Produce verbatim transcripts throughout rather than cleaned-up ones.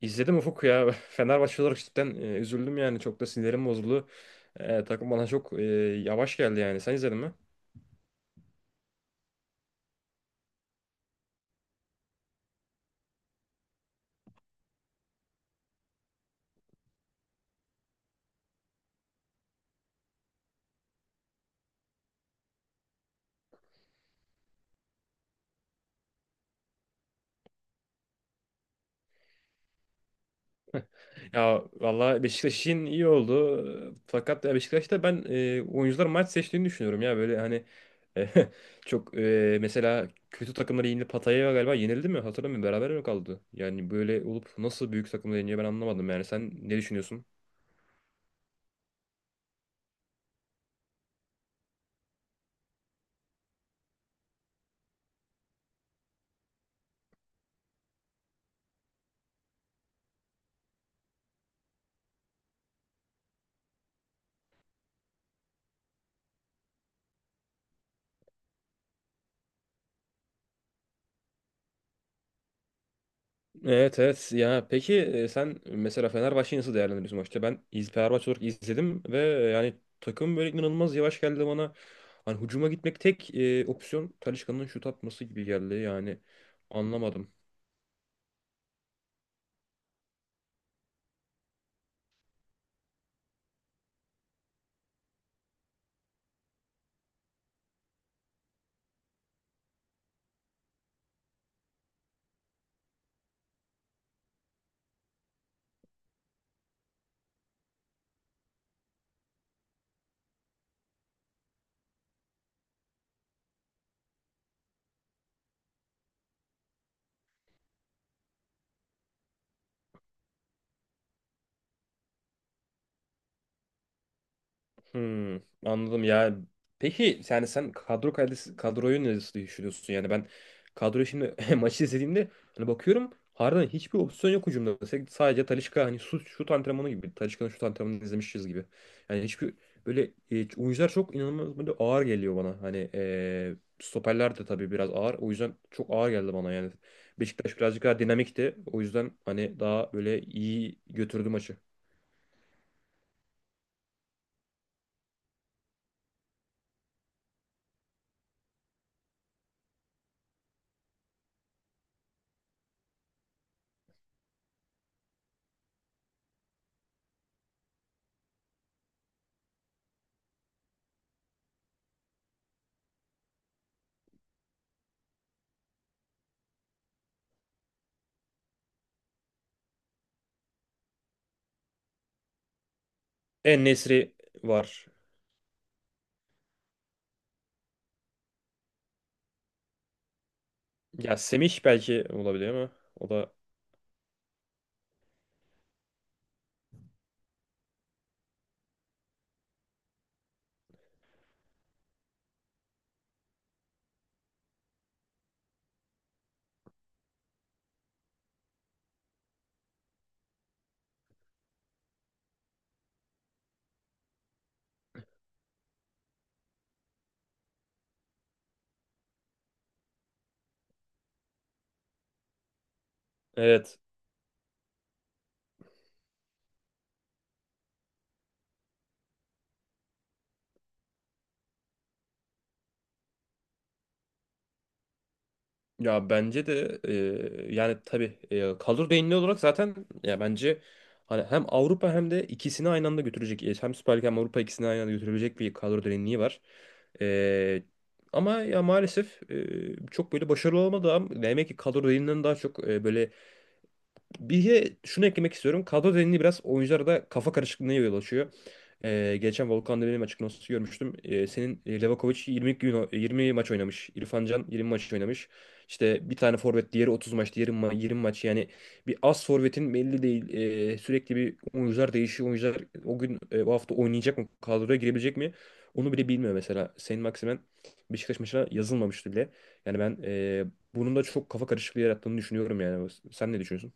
İzledim Ufuk ya. Fenerbahçe olarak cidden e, üzüldüm yani. Çok da sinirim bozuldu. E, takım bana çok e, yavaş geldi yani. Sen izledin mi? Ya valla Beşiktaş için iyi oldu. Fakat ya Beşiktaş'ta ben e, oyuncular maç seçtiğini düşünüyorum ya. Böyle hani e, çok e, mesela kötü takımları yenildi. Pattaya galiba yenildi mi? Hatırlamıyorum. Beraber mi kaldı? Yani böyle olup nasıl büyük takımları yeniyor, ben anlamadım yani. Sen ne düşünüyorsun? Evet, evet, ya peki e, sen mesela Fenerbahçe'yi nasıl değerlendiriyorsun maçta? Ben iz Fenerbahçe olarak izledim ve yani takım böyle inanılmaz yavaş geldi bana. Hani hücuma gitmek tek e, opsiyon Talisca'nın şut atması gibi geldi yani, anlamadım. Hmm, Anladım ya. Peki yani sen kadro kalitesi, kadroyu nasıl düşünüyorsun? Yani ben kadroyu şimdi maçı izlediğimde hani bakıyorum, harbiden hiçbir opsiyon yok hücumda. Sek- Sadece Talisca hani şut, şut antrenmanı gibi. Talisca'nın şut antrenmanını izlemişiz gibi. Yani hiçbir böyle e, oyuncular çok inanılmaz böyle ağır geliyor bana. Hani e, stoperler de tabii biraz ağır. O yüzden çok ağır geldi bana yani. Beşiktaş birazcık daha dinamikti. O yüzden hani daha böyle iyi götürdü maçı. En-Nesyri var. Ya Semih belki olabilir ama o da. Evet, ya bence de e, yani tabii e, kadro derinliği olarak zaten, ya bence hani hem Avrupa hem de ikisini aynı anda götürecek, e, hem Süper Lig hem Avrupa, ikisini aynı anda götürebilecek bir kadro derinliği var. E, Ama ya maalesef e, çok böyle başarılı olamadı, ama demek ki kadro derinliğinden daha çok e, böyle. Bir şunu eklemek istiyorum. Kadro derinliği biraz oyunculara da kafa karışıklığına yol açıyor. Ee, geçen Volkan Demirel'in açıklaması görmüştüm. Ee, senin e, Levakovic yirmi gün o- yirmi maç oynamış. İrfan Can yirmi maç oynamış. İşte bir tane forvet, diğeri otuz maç, diğeri ma- yirmi maç. Yani bir az forvetin belli değil. Ee, sürekli bir oyuncular değişiyor. Oyuncular o gün e, o hafta oynayacak mı? Kadroya girebilecek mi? Onu bile bilmiyor mesela. Saint Maximin Beşiktaş maçına yazılmamıştı bile. Yani ben e, bunun da çok kafa karışıklığı yarattığını düşünüyorum yani. Sen ne düşünüyorsun?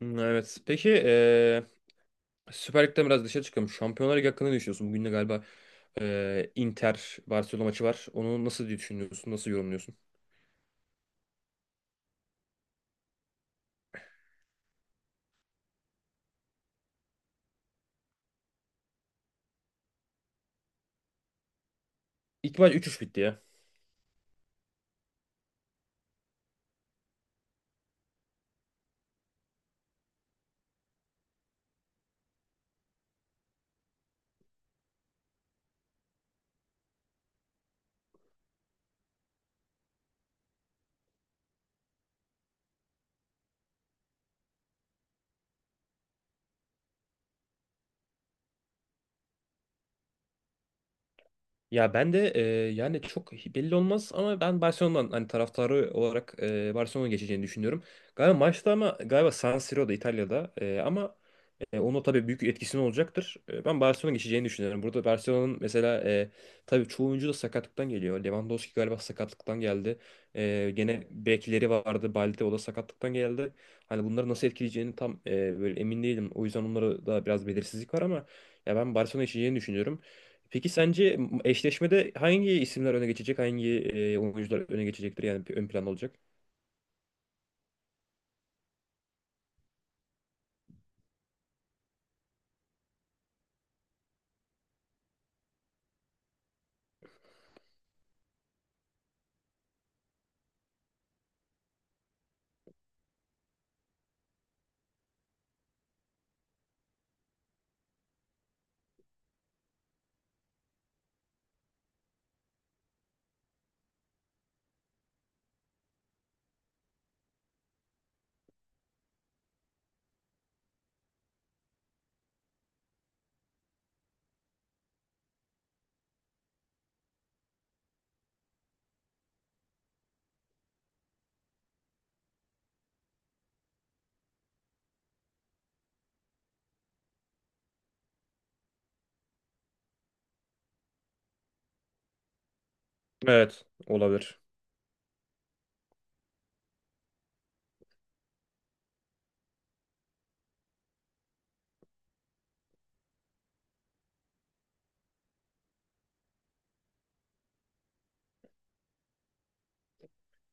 Hmm, evet. Peki eee Süper Lig'den biraz dışarı çıkalım. Şampiyonlar Ligi hakkında ne düşünüyorsun? Bugün de galiba eee Inter Barcelona maçı var. Onu nasıl diye düşünüyorsun? Nasıl yorumluyorsun? İlk maç üç 3 bitti ya. Ya ben de e, yani çok belli olmaz ama ben Barcelona'dan hani, taraftarı olarak e, Barcelona'ya geçeceğini düşünüyorum. Galiba maçta, ama galiba San Siro'da, İtalya'da, e, ama e, onun tabii büyük etkisi olacaktır. E, ben Barcelona'ya geçeceğini düşünüyorum. Burada Barcelona'nın mesela e, tabii çoğu oyuncu da sakatlıktan geliyor. Lewandowski galiba sakatlıktan geldi. E, gene bekleri vardı. Balde, o da sakatlıktan geldi. Hani bunları nasıl etkileyeceğini tam e, böyle emin değilim. O yüzden onlara da biraz belirsizlik var ama ya ben Barcelona geçeceğini düşünüyorum. Peki sence eşleşmede hangi isimler öne geçecek? Hangi e, oyuncular öne geçecektir? Yani ön plan olacak. Evet, olabilir.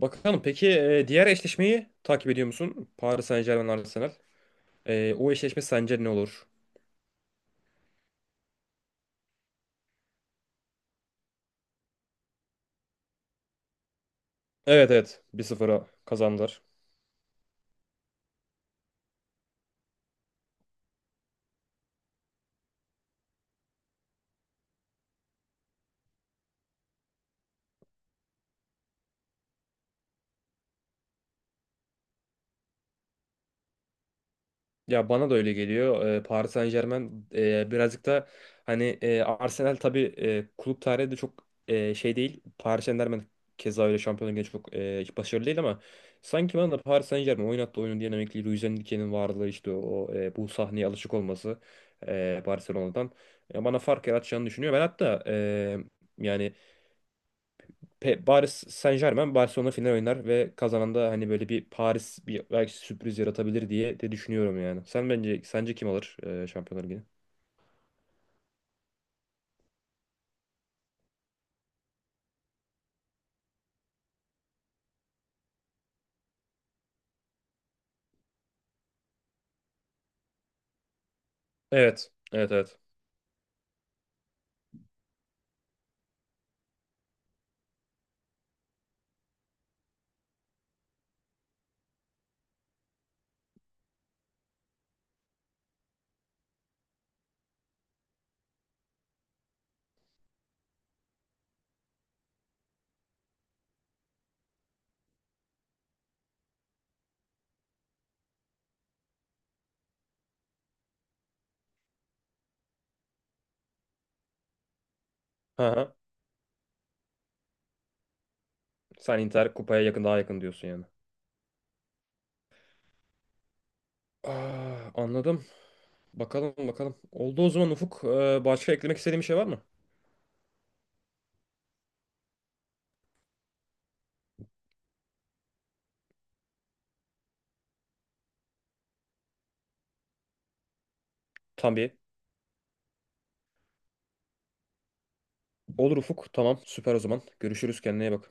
Bakalım, peki e, diğer eşleşmeyi takip ediyor musun? Paris Saint-Germain Arsenal. E, o eşleşme sence ne olur? Evet, evet, bir sıfıra kazandılar. Ya bana da öyle geliyor. Ee, Paris Saint-Germain e, birazcık da hani, e, Arsenal tabii, e, kulüp tarihi de çok e, şey değil. Paris Saint-Germain keza öyle Şampiyonlar Ligi'nde çok e, hiç başarılı değil, ama sanki bana da Paris Saint-Germain oynattığı oyunun dinamikliği, Luis Enrique'nin varlığı, işte o, e, bu sahneye alışık olması, e, Barcelona'dan e, bana fark yaratacağını düşünüyor. Ben hatta e, yani Pe- Paris Saint-Germain Barcelona final oynar ve kazanan da hani böyle bir Paris, bir belki sürpriz yaratabilir diye de düşünüyorum yani. Sen, bence, sence kim alır e, Şampiyonlar Ligi'ni? Evet. Evet, evet. Hı hı. Sen Inter kupaya yakın, daha yakın diyorsun yani. Aa, anladım. Bakalım, bakalım. Oldu o zaman Ufuk. Ee, başka eklemek istediğin bir şey var mı? Tabii. Olur Ufuk. Tamam. Süper o zaman. Görüşürüz. Kendine iyi bak.